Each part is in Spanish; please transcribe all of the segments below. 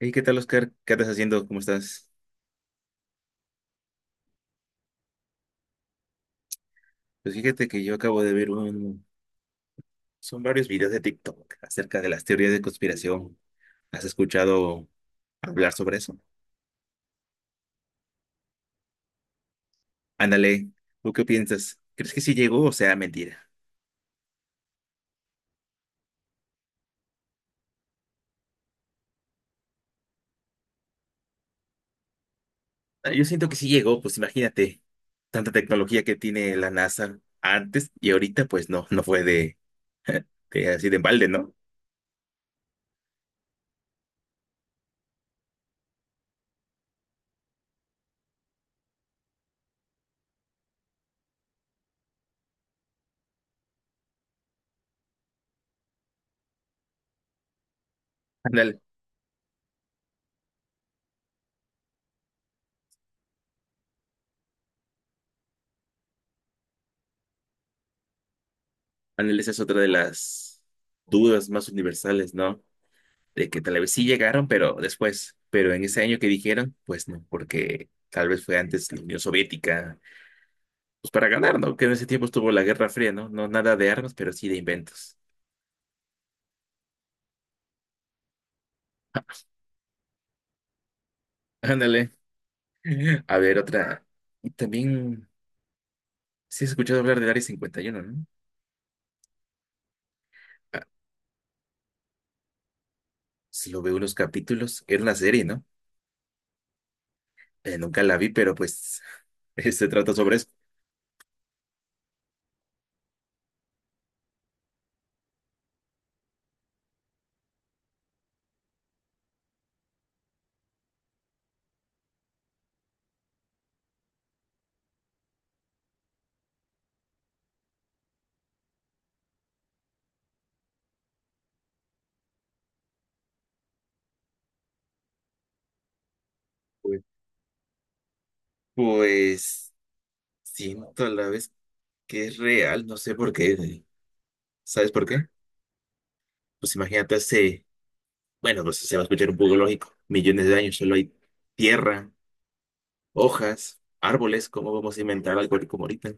Hey, ¿qué tal, Oscar? ¿Qué andas haciendo? ¿Cómo estás? Pues fíjate que yo acabo de ver. Son varios videos de TikTok acerca de las teorías de conspiración. ¿Has escuchado hablar sobre eso? Ándale, ¿tú qué piensas? ¿Crees que sí llegó o sea mentira? Ah, yo siento que sí llegó, pues imagínate, tanta tecnología que tiene la NASA antes y ahorita, pues no, no fue de, de así de balde, ¿no? Ándale, ándale, esa es otra de las dudas más universales, ¿no? De que tal vez sí llegaron, pero después, pero en ese año que dijeron, pues no, porque tal vez fue antes la Unión Soviética, pues para ganar, ¿no? Que en ese tiempo estuvo la Guerra Fría, ¿no? No nada de armas, pero sí de inventos. Ándale. A ver, otra. Y también, sí has escuchado hablar del Área 51, ¿no? Ah, sí lo veo unos capítulos, era una serie, ¿no? Nunca la vi, pero pues se trata sobre eso. Pues, pues siento a la vez que es real, no sé por qué. ¿Sabes por qué? Pues imagínate. Hace Bueno, pues se va a escuchar un poco lógico. Millones de años solo hay tierra, hojas, árboles. ¿Cómo vamos a inventar algo como ahorita?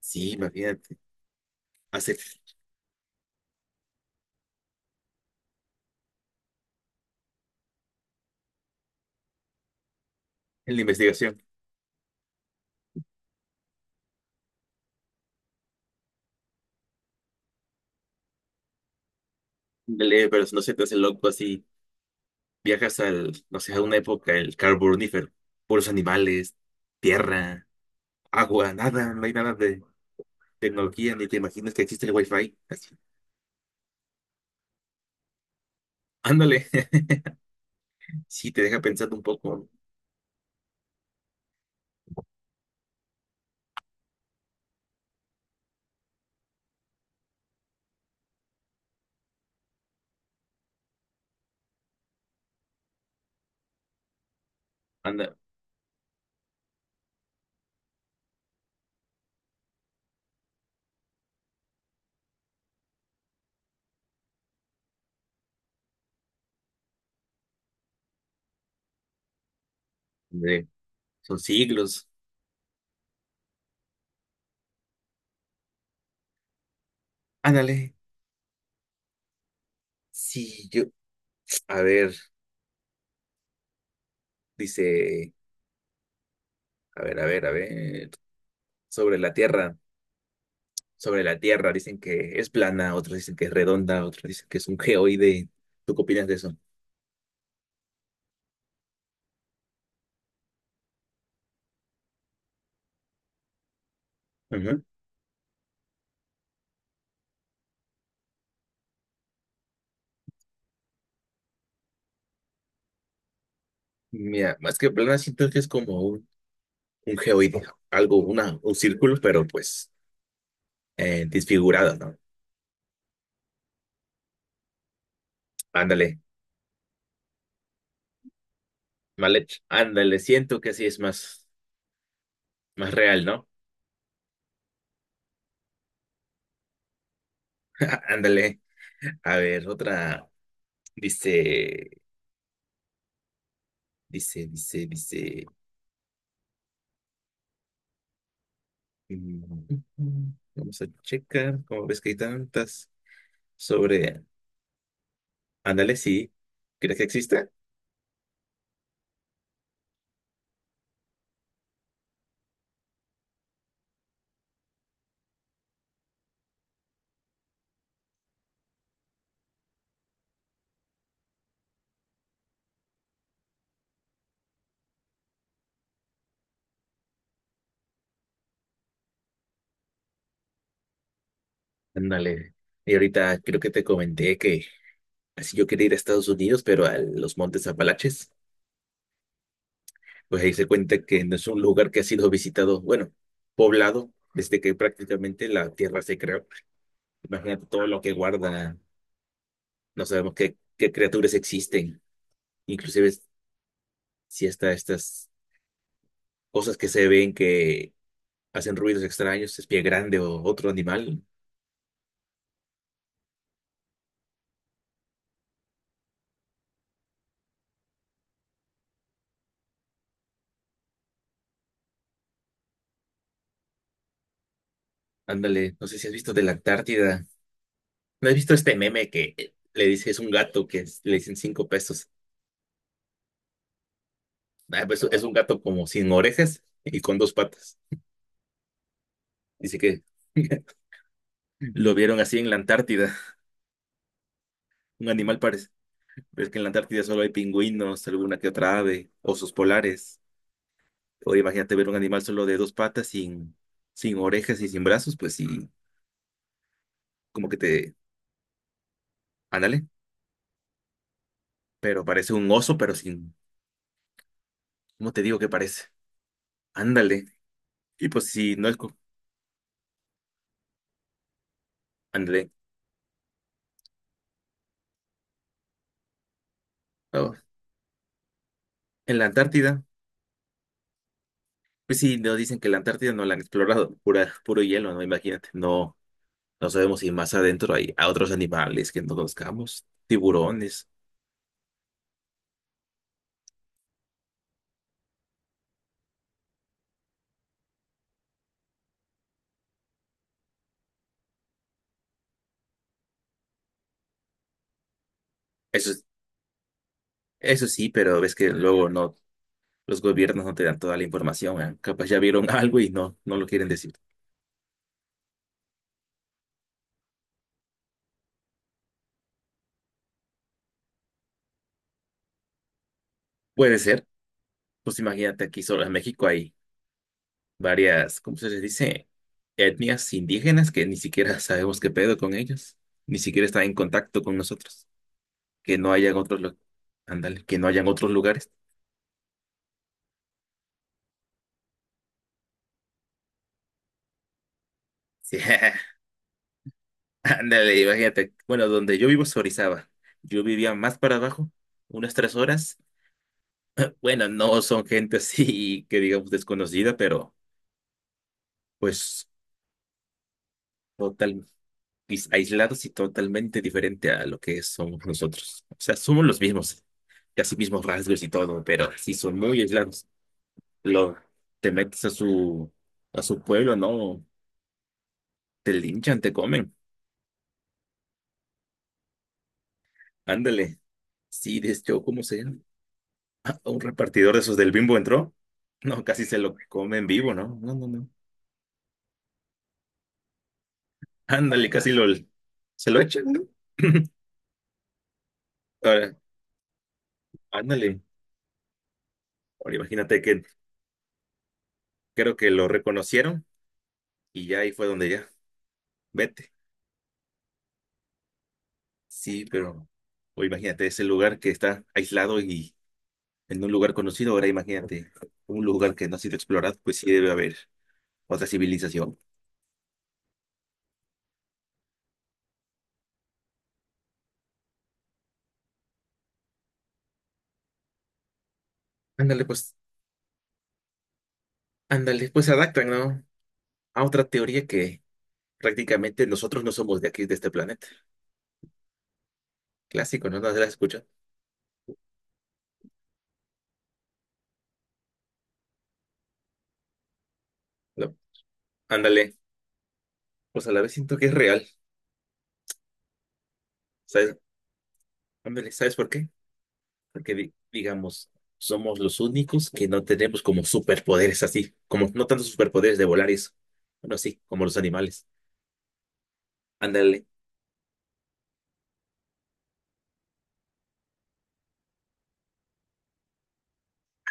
Sí, imagínate. Hacer la investigación. Dale, pero no se te hace loco así. Viajas no sé, a una época, el carbonífero. Puros animales, tierra, agua, nada. No hay nada de tecnología, ni te imaginas que existe el wifi. Así. Ándale. Sí, te deja pensando un poco. Anda, hombre, son siglos. Ándale. Sí, yo. A ver, dice. A ver, a ver, a ver. Sobre la Tierra. Sobre la Tierra. Dicen que es plana, otros dicen que es redonda, otros dicen que es un geoide. ¿Tú qué opinas de eso? Ujú. Mira, más que plana siento que es como un geoide. Algo, un círculo, pero pues disfigurado, ¿no? Ándale, mal hecho. Ándale, siento que así es más, más real, ¿no? Ándale. A ver, otra. Dice, dice. mm, Vamos a checar. ¿Cómo ves que hay tantas? Sobre Ándale, sí. ¿Crees que existe? Ándale. Y ahorita creo que te comenté que así yo quería ir a Estados Unidos, pero a los Montes Apalaches, pues ahí se cuenta que no es un lugar que ha sido visitado, bueno, poblado, desde que prácticamente la tierra se creó. Imagínate todo lo que guarda, no sabemos qué, qué criaturas existen, inclusive si hasta estas cosas que se ven que hacen ruidos extraños, es pie grande o otro animal. Ándale, no sé si has visto de la Antártida. ¿No has visto este meme que le dice es un gato que le dicen 5 pesos? Ah, pues, es un gato como sin orejas y con dos patas. Dice que lo vieron así en la Antártida. Un animal parece. Ves que en la Antártida solo hay pingüinos, alguna que otra ave, osos polares. O imagínate ver un animal solo de dos patas, sin orejas y sin brazos, pues sí, como que te. Ándale. Pero parece un oso, pero sin. ¿Cómo te digo que parece? Ándale. Y pues si no es. Ándale. Oh, en la Antártida. Pues sí, no dicen que la Antártida no la han explorado, puro hielo, ¿no? Imagínate, no, no sabemos si más adentro hay a otros animales que no conozcamos, tiburones, eso, es- eso sí, pero ves que luego no, los gobiernos no te dan toda la información, ¿eh? Capaz ya vieron algo y no, no lo quieren decir. Puede ser, pues imagínate aquí solo en México hay varias, ¿cómo se les dice? Etnias indígenas que ni siquiera sabemos qué pedo con ellos, ni siquiera están en contacto con nosotros, que no hayan otros, ándale, que no hayan otros lugares. Sí. Ándale, imagínate. Bueno, donde yo vivo es Orizaba. Yo vivía más para abajo, unas 3 horas. Bueno, no son gente así que digamos desconocida, pero pues total, aislados y totalmente diferente a lo que somos nosotros. O sea, somos los mismos, casi mismos rasgos y todo, pero sí son muy aislados. Lo, te metes a su pueblo, no, te linchan, te comen. Ándale. Sí, desde yo, ¿cómo sea? Un repartidor de esos del Bimbo entró. No, casi se lo come en vivo, ¿no? No, no, no. Ándale, casi lo se lo echan, ¿no? Ahora, ándale. Ahora imagínate que creo que lo reconocieron y ya ahí fue donde ya, vete. Sí, pero o imagínate ese lugar que está aislado y en un lugar conocido. Ahora imagínate un lugar que no ha sido explorado, pues sí debe haber otra civilización. Ándale, pues, ándale, pues se adaptan, ¿no? A otra teoría que prácticamente nosotros no somos de aquí, de este planeta. Clásico, ¿no? ¿No se la escucha? No. Ándale. Pues a la vez siento que es real. ¿Sabes? Ándale, ¿sabes por qué? Porque, digamos, somos los únicos que no tenemos como superpoderes así. Como no tantos superpoderes de volar y eso. Bueno, sí, como los animales. Ándale,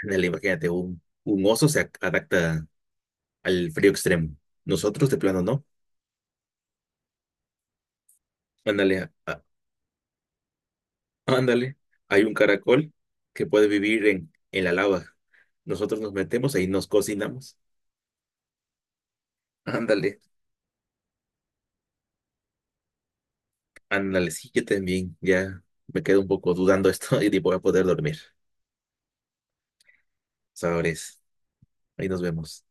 ándale, imagínate, un oso se adapta al frío extremo. Nosotros de plano no. Ándale. Ándale, hay un caracol que puede vivir en la lava. Nosotros nos metemos ahí, nos cocinamos. Ándale, ándale, sí, yo también. Ya me quedo un poco dudando esto y ni voy a poder dormir. Sabores, ahí nos vemos.